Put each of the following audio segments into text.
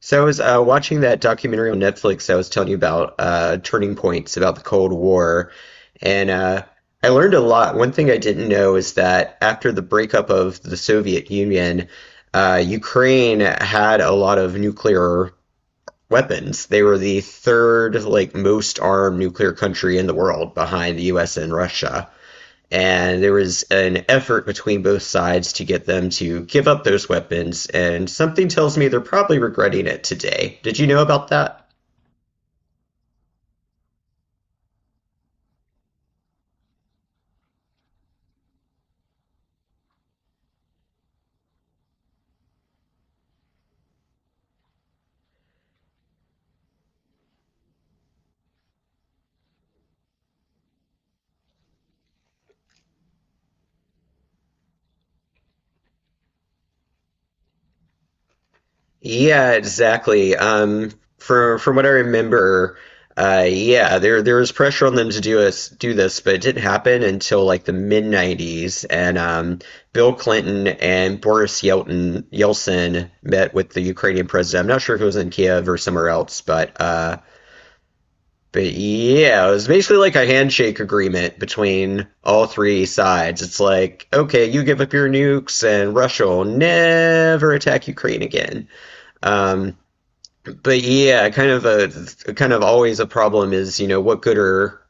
So I was watching that documentary on Netflix I was telling you about, Turning Points, about the Cold War, and I learned a lot. One thing I didn't know is that after the breakup of the Soviet Union, Ukraine had a lot of nuclear weapons. They were the third, like, most armed nuclear country in the world behind the US and Russia, and there was an effort between both sides to get them to give up those weapons, and something tells me they're probably regretting it today. Did you know about that? Yeah, exactly. From what I remember, yeah, there was pressure on them to do this, but it didn't happen until like the mid 90s. And Bill Clinton and Boris yelton yeltsin met with the Ukrainian president. I'm not sure if it was in Kiev or somewhere else, but but yeah, it was basically like a handshake agreement between all three sides. It's like, okay, you give up your nukes, and Russia will never attack Ukraine again. Um, but yeah, kind of a kind of always a problem is, what good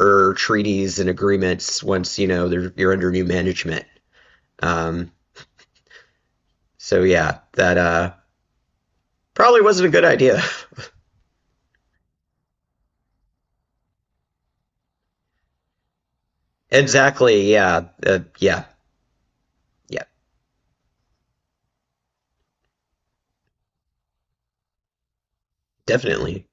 are treaties and agreements once, they're, you're under new management. Um, so yeah, that probably wasn't a good idea. Exactly. Yeah. Yeah. Yeah. Definitely.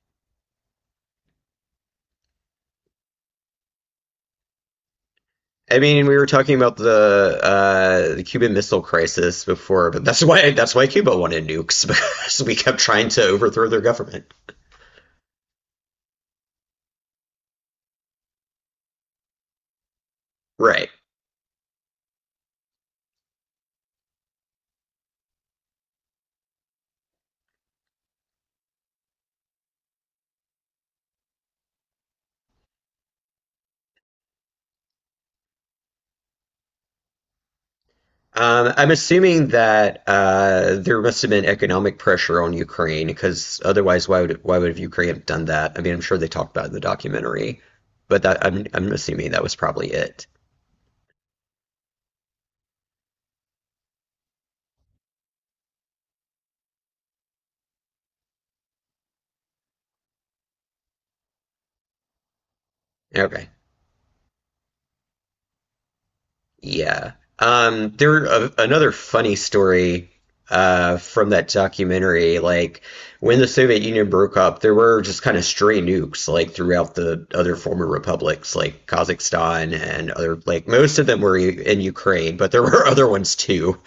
I mean, we were talking about the Cuban Missile Crisis before, but that's why Cuba wanted nukes because we kept trying to overthrow their government. Right. I'm assuming that there must have been economic pressure on Ukraine, because otherwise, why would Ukraine have done that? I mean, I'm sure they talked about it in the documentary, but that I'm assuming that was probably it. Okay. Yeah. Another funny story from that documentary. Like, when the Soviet Union broke up, there were just kind of stray nukes like throughout the other former republics, like Kazakhstan and other, like most of them were in Ukraine, but there were other ones too.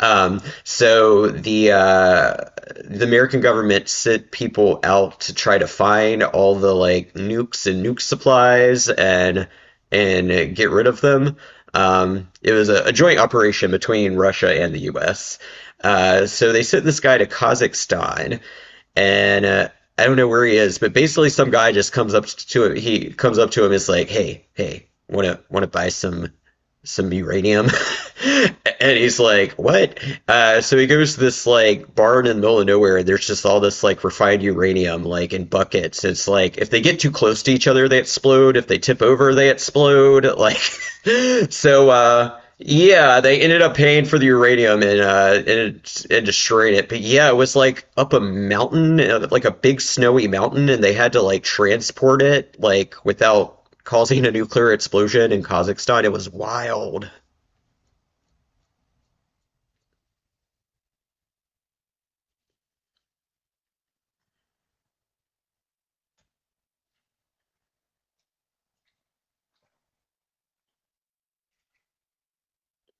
So the American government sent people out to try to find all the like nukes and nuke supplies and get rid of them. It was a joint operation between Russia and the U.S. So they sent this guy to Kazakhstan, and I don't know where he is, but basically some guy just comes up to him. He comes up to him, is like, "Hey, hey, wanna buy some uranium." And he's like, what? So he goes to this like barn in the middle of nowhere, and there's just all this like refined uranium like in buckets. It's like if they get too close to each other, they explode. If they tip over, they explode. Like, so yeah, they ended up paying for the uranium, and and destroying it. But yeah, it was like up a mountain, like a big snowy mountain, and they had to like transport it like without causing a nuclear explosion in Kazakhstan. It was wild.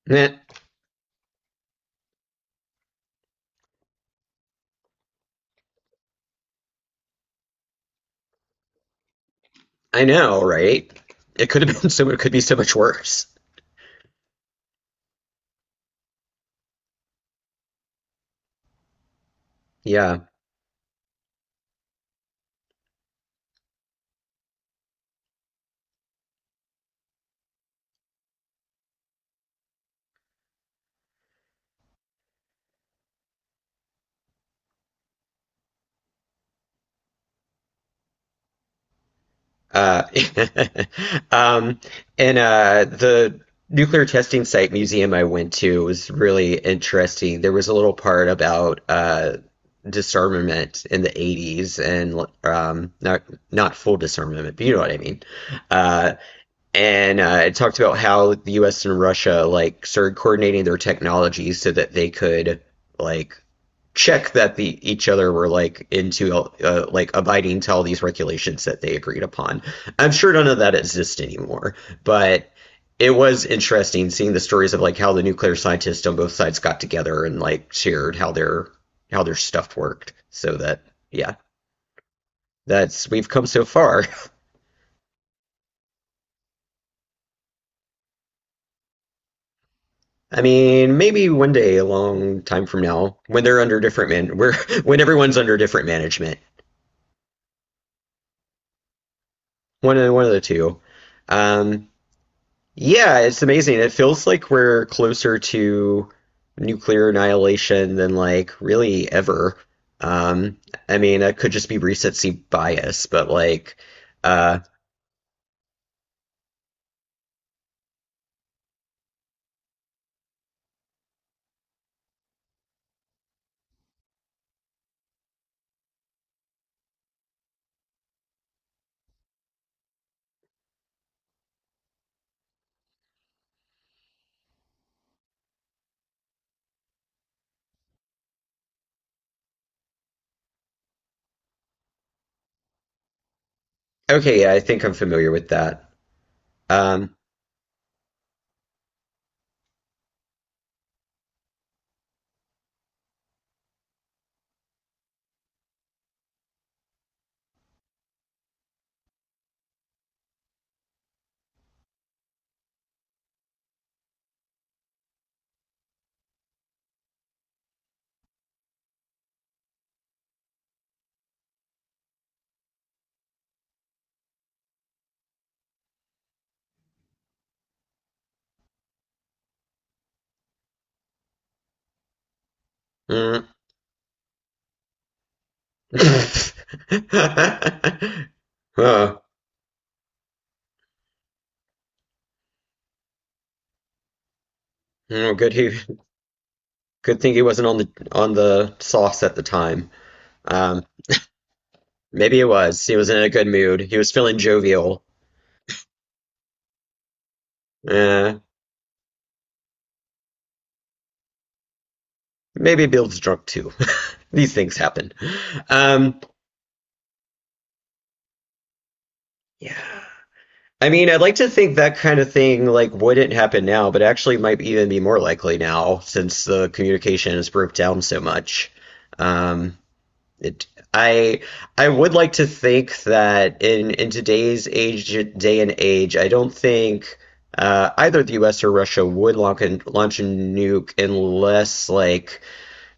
Eh, I know, right? It could have been so, it could be so much worse. Yeah. Uh, um, and the nuclear testing site museum I went to was really interesting. There was a little part about disarmament in the 80s, and not not full disarmament, but you know what I mean. Uh, and it talked about how the U.S. and Russia like started coordinating their technology so that they could like check that the each other were like into like abiding to all these regulations that they agreed upon. I'm sure none of that exists anymore, but it was interesting seeing the stories of like how the nuclear scientists on both sides got together and like shared how their stuff worked so that yeah, that's we've come so far. I mean, maybe one day, a long time from now, when they're under different man, where when everyone's under different management, one of the two. Um, yeah, it's amazing. It feels like we're closer to nuclear annihilation than like really ever. Um, I mean, it could just be recency bias, but like, uh, okay, yeah, I think I'm familiar with that. Um, mm. Huh. Oh, good. He, good thing he wasn't on the sauce at the time. Um, maybe it was. He was in a good mood. He was feeling jovial. Uh, maybe Bill's drunk too. These things happen. Um, yeah. I mean, I'd like to think that kind of thing like wouldn't happen now, but actually might even be more likely now since the communication has broke down so much. Um, It, I I would like to think that in today's age day and age, I don't think either the U.S. or Russia would launch a nuke unless like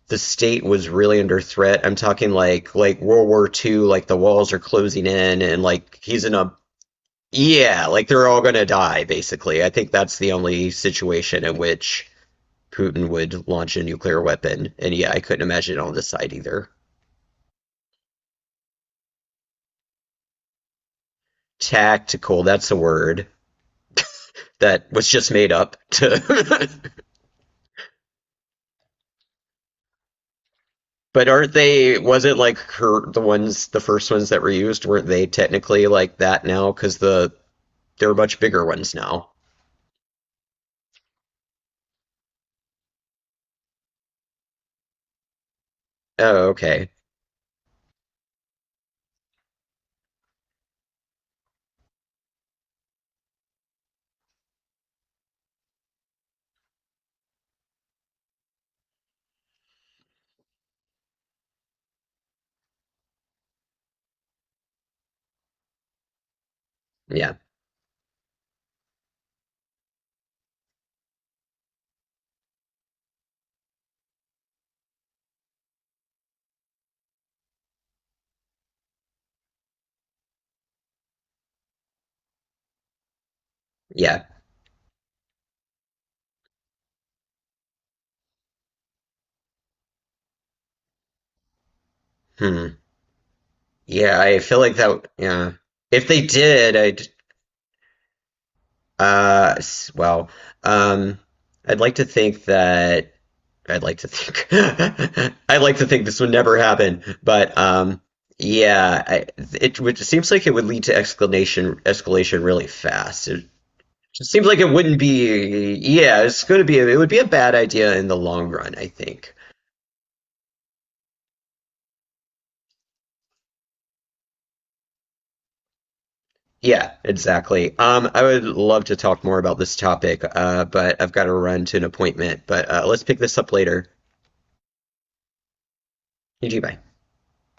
the state was really under threat. I'm talking like World War II, like the walls are closing in and like he's in a yeah, like they're all gonna die basically. I think that's the only situation in which Putin would launch a nuclear weapon. And yeah, I couldn't imagine on this side either. Tactical, that's the word, that was just made up to but aren't they, was it like her, the ones, the first ones that were used, weren't they technically like that now? Because the, there are much bigger ones now. Oh, okay. Yeah. Yeah. Hmm. Yeah, I feel like that, yeah. If they did, I'd, well, um, I'd like to think that I'd like to think I'd like to think this would never happen, but yeah, I, it would it seems like it would lead to escalation escalation really fast. It just seems like it wouldn't be. Yeah, it's going to be. It would be a bad idea in the long run, I think. Yeah, exactly. I would love to talk more about this topic, but I've got to run to an appointment. But let's pick this up later. GG, bye.